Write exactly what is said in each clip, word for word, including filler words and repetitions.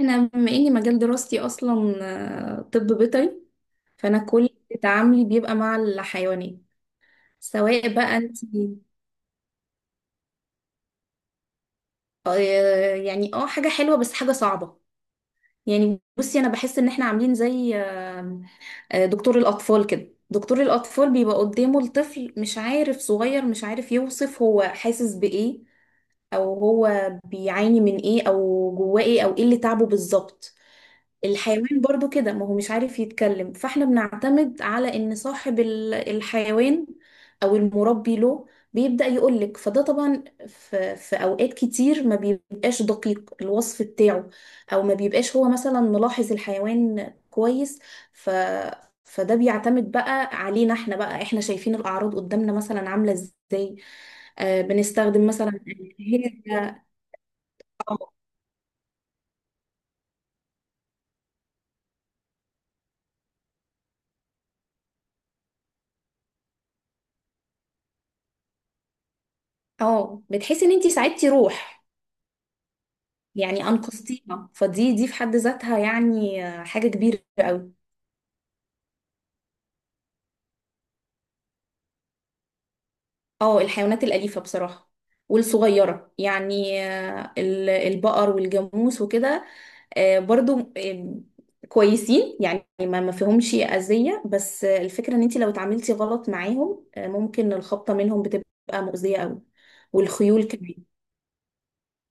انا بما اني مجال دراستي اصلا آه، طب بيطري. فانا كل تعاملي بيبقى مع الحيوانات. سواء بقى انت، آه، يعني اه، حاجه حلوه بس حاجه صعبه. يعني بصي، انا بحس ان احنا عاملين زي، آه، آه، دكتور الاطفال كده. دكتور الاطفال بيبقى قدامه الطفل مش عارف، صغير مش عارف يوصف هو حاسس بايه، او هو بيعاني من ايه، او جواه ايه، او ايه اللي تعبه بالظبط. الحيوان برضو كده، ما هو مش عارف يتكلم، فاحنا بنعتمد على ان صاحب ال- الحيوان او المربي له بيبدأ يقولك. فده طبعا في, في اوقات كتير ما بيبقاش دقيق الوصف بتاعه، او ما بيبقاش هو مثلا ملاحظ الحيوان كويس. ف فده بيعتمد بقى علينا احنا بقى، احنا شايفين الاعراض قدامنا مثلا عاملة ازاي. آه، بنستخدم مثلا. هي، اه بتحسي ان انتي ساعدتي روح. يعني أنقذتينا، فدي دي في حد ذاتها يعني آه، حاجة كبيرة قوي. اه، الحيوانات الأليفة بصراحة والصغيرة، يعني آه، ال- البقر والجاموس وكده آه، برضو آه، كويسين، يعني ما ما فيهمش أذية. بس آه، الفكرة ان انت لو اتعاملتي غلط معاهم، آه، ممكن الخبطة منهم بتبقى مؤذية قوي. والخيول كمان.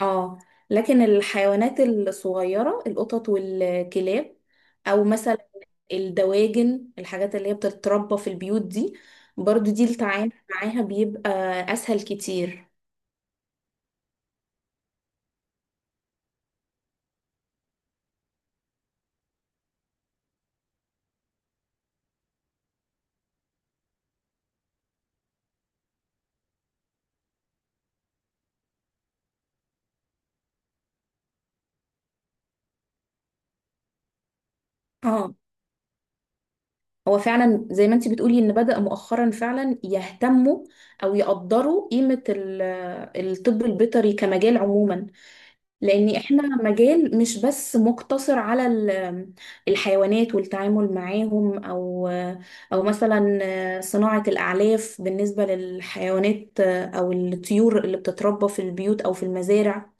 اه. لكن الحيوانات الصغيرة، القطط والكلاب، او مثلا الدواجن، الحاجات اللي هي بتتربى في البيوت دي، برضو دي التعامل معاها بيبقى اسهل كتير. اه، هو فعلا زي ما انتي بتقولي، ان بدأ مؤخرا فعلا يهتموا او يقدروا قيمة ال- الطب البيطري كمجال عموما. لان احنا مجال مش بس مقتصر على ال- الحيوانات والتعامل معاهم، او او مثلا صناعة الاعلاف بالنسبة للحيوانات او الطيور اللي بتتربى في البيوت او في المزارع.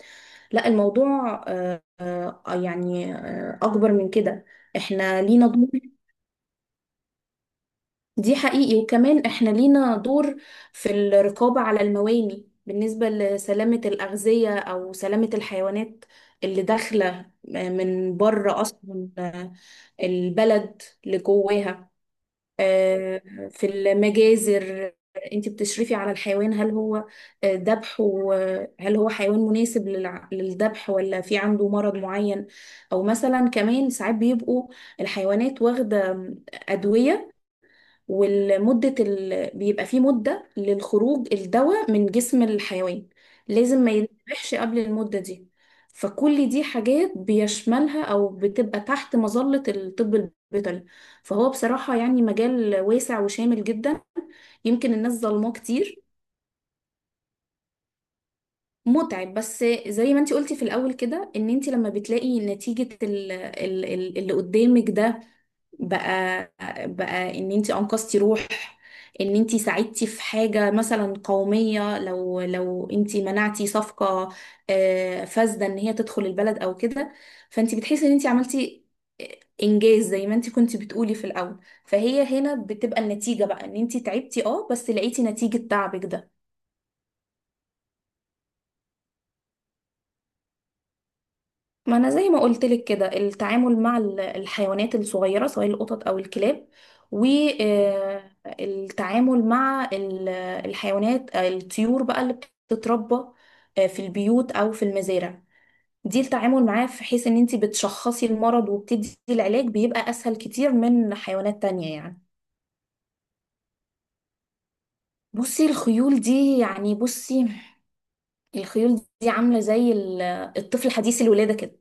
لا، الموضوع آه، آه، يعني آه، اكبر من كده. احنا لينا دور. دي حقيقي، وكمان احنا لينا دور في الرقابة على المواني بالنسبة لسلامة الأغذية أو سلامة الحيوانات اللي داخلة آه، من بره أصلا، آه، البلد لجواها. آه، في المجازر، انت بتشرفي على الحيوان، هل هو آه، ذبح، هل هو حيوان مناسب للع- للذبح، ولا في عنده مرض معين. او مثلا كمان ساعات بيبقوا الحيوانات واخدة أدوية، والمدة ال... بيبقى فيه مدة للخروج الدواء من جسم الحيوان. لازم ما يتذبحش قبل المدة دي. فكل دي حاجات بيشملها أو بتبقى تحت مظلة الطب البيطري. فهو بصراحة يعني مجال واسع وشامل جدا. يمكن الناس ظلماه كتير. متعب، بس زي ما انتي قلتي في الأول كده، ان انتي لما بتلاقي نتيجة ال- ال- ال- اللي قدامك ده بقى بقى، ان انتي انقذتي روح، ان انتي ساعدتي في حاجة مثلا قومية، لو لو انتي منعتي صفقة آه، فاسدة ان هي تدخل البلد او كده، فانتي بتحسي ان انتي عملتي انجاز، زي ما انتي كنتي بتقولي في الاول. فهي هنا بتبقى النتيجة بقى، ان انتي تعبتي اه بس لقيتي نتيجة تعبك ده. ما انا زي ما قلت لك كده، التعامل مع ال- الحيوانات الصغيره، سواء القطط او الكلاب، والتعامل مع ال- الحيوانات، آه، الطيور بقى اللي بتتربى آه، في البيوت او في المزارع، دي التعامل معاه، في حيث ان انت بتشخصي المرض وبتدي العلاج، بيبقى اسهل كتير من حيوانات تانية يعني. بصي الخيول دي يعني، بصي الخيول دي عامله زي ال- الطفل حديث الولاده كده.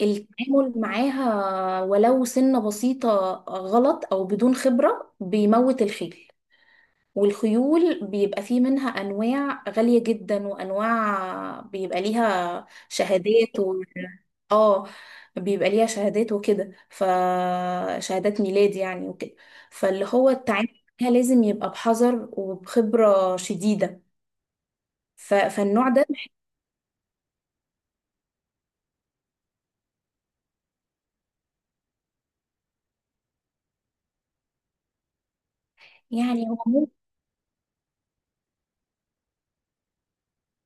التعامل معاها، ولو سنة بسيطة غلط أو بدون خبرة، بيموت الخيل. والخيول بيبقى فيه منها أنواع غالية جدا، وأنواع بيبقى ليها شهادات و... اه، بيبقى ليها شهادات وكده، فشهادات ميلاد يعني وكده. فاللي هو التعامل معاها لازم يبقى بحذر وبخبرة شديدة. ف... فالنوع ده يعني. هو،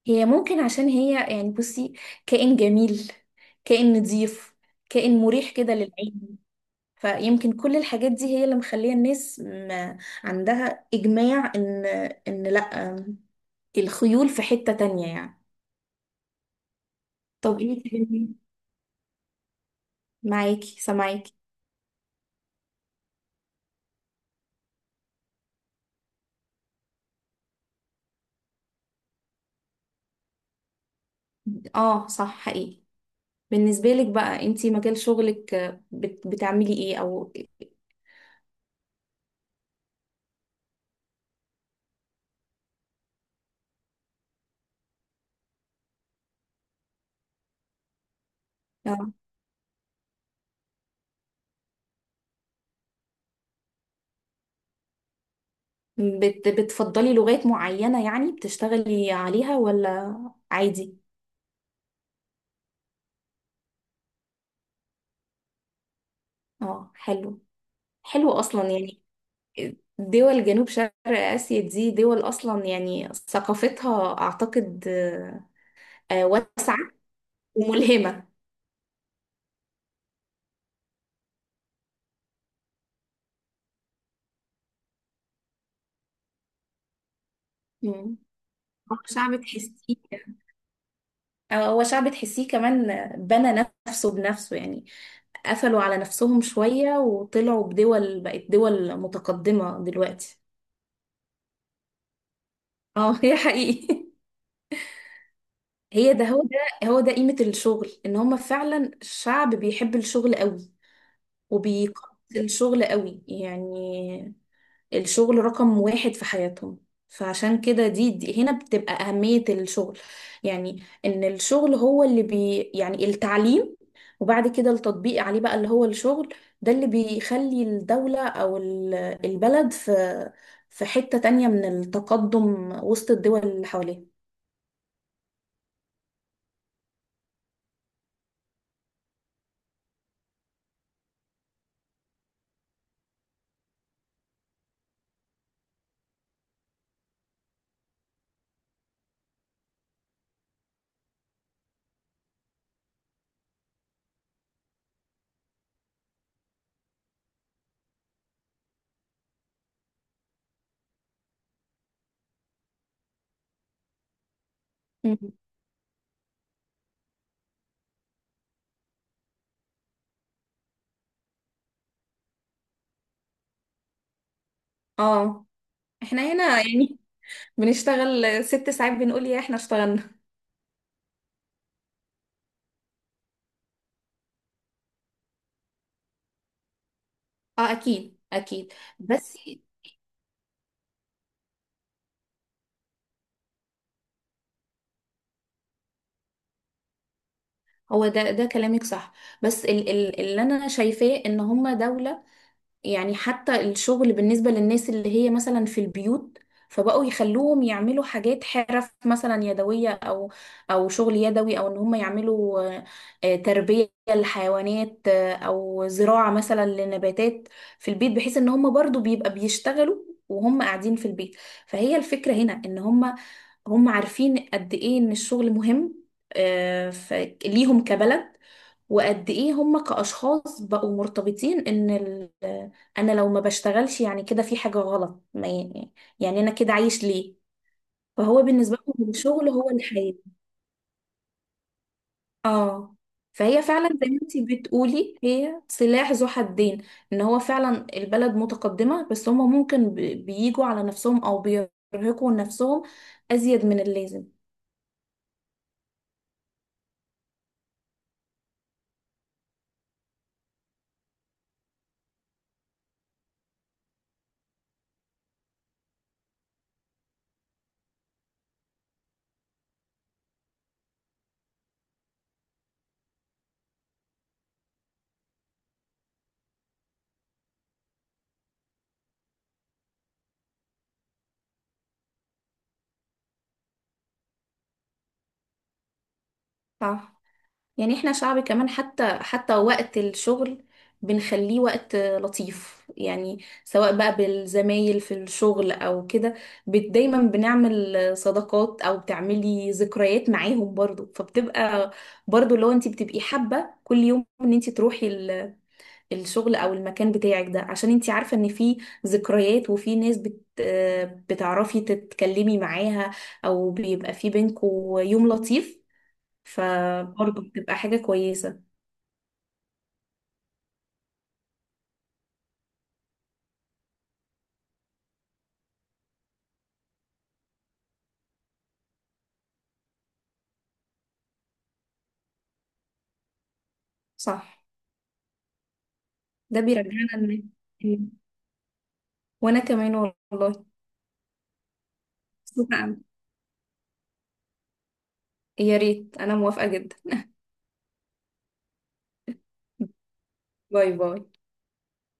هي ممكن عشان هي يعني بصي، كائن جميل، كائن نظيف، كائن مريح كده للعين. فيمكن كل الحاجات دي هي اللي مخلية الناس ما عندها إجماع، إن إن لأ، الخيول في حتة تانية يعني. طب انت بن- معاكي، سامعاكي. اه صح حقيقي. بالنسبة لك بقى، انت مجال شغلك آه، بت... بتعملي ايه؟ او آه، بت... بتفضلي لغات معينة يعني بتشتغلي عليها، ولا عادي؟ اه، حلو. حلو اصلا يعني. دول جنوب شرق اسيا، دي دول اصلا يعني ثقافتها اعتقد آه، آه، واسعه وملهمه. مم. هو شعب تحسيه، آه، هو شعب تحسيه كمان بنى نفسه بنفسه يعني. قفلوا على نفسهم شويه وطلعوا بدول، بقت دول متقدمه دلوقتي. اه، هي حقيقي. هي ده هو ده هو ده قيمه الشغل، ان هم فعلا شعب بيحب الشغل قوي، وبيقدس الشغل قوي يعني. الشغل رقم واحد في حياتهم. فعشان كده دي, دي هنا بتبقى أهمية الشغل. يعني إن الشغل هو اللي بي، يعني التعليم، وبعد كده التطبيق عليه بقى اللي هو الشغل، ده اللي بيخلي الدولة أو ال- البلد في في حتة تانية من التقدم وسط الدول اللي حواليها. مم. اه، احنا هنا يعني بنشتغل ست ساعات بنقول يا احنا اشتغلنا. اه، اكيد اكيد. بس هو ده ده كلامك صح. بس ال- ال- اللي انا شايفاه، ان هما دولة يعني حتى الشغل بالنسبة للناس اللي هي مثلا في البيوت، فبقوا يخلوهم يعملوا حاجات حرف مثلا يدوية، أو أو شغل يدوي، أو إن هم يعملوا آه، آه، تربية لحيوانات، آه، أو زراعة مثلا لنباتات في البيت، بحيث إن هم برضو بيبقى بيشتغلوا وهم قاعدين في البيت. فهي الفكرة هنا، إن هم، هم عارفين قد إيه إن الشغل مهم آه، ف- ليهم كبلد. وقد ايه هم كأشخاص بقوا مرتبطين ان ال... انا لو ما بشتغلش يعني كده في حاجة غلط، ما ي- يعني انا كده عايش ليه. فهو بالنسبة لهم الشغل هو الحياة. اه. فهي فعلا زي ما انتي بتقولي، هي سلاح ذو حدين. ان هو فعلا البلد متقدمة، بس هم ممكن ب- بيجوا على نفسهم، او بيرهقوا نفسهم ازيد من اللازم. صح. يعني احنا شعب كمان، حتى حتى وقت الشغل بنخليه وقت لطيف، يعني سواء بقى بالزمايل في الشغل او كده. بت- دايما بنعمل صداقات او بتعملي ذكريات معاهم برضو. فبتبقى برضو، لو انت بتبقي حابة كل يوم ان انت تروحي ال- الشغل او المكان بتاعك ده، عشان انت عارفة ان في ذكريات، وفي ناس بت بتعرفي تتكلمي معاها، او بيبقى في بينكوا يوم لطيف. فبرضه بتبقى حاجة كويسة. صح. ده بيرجعنا ان، إن- وانا كمان والله مبسوطة أوي. يا ريت، انا موافقة جدا. باي باي.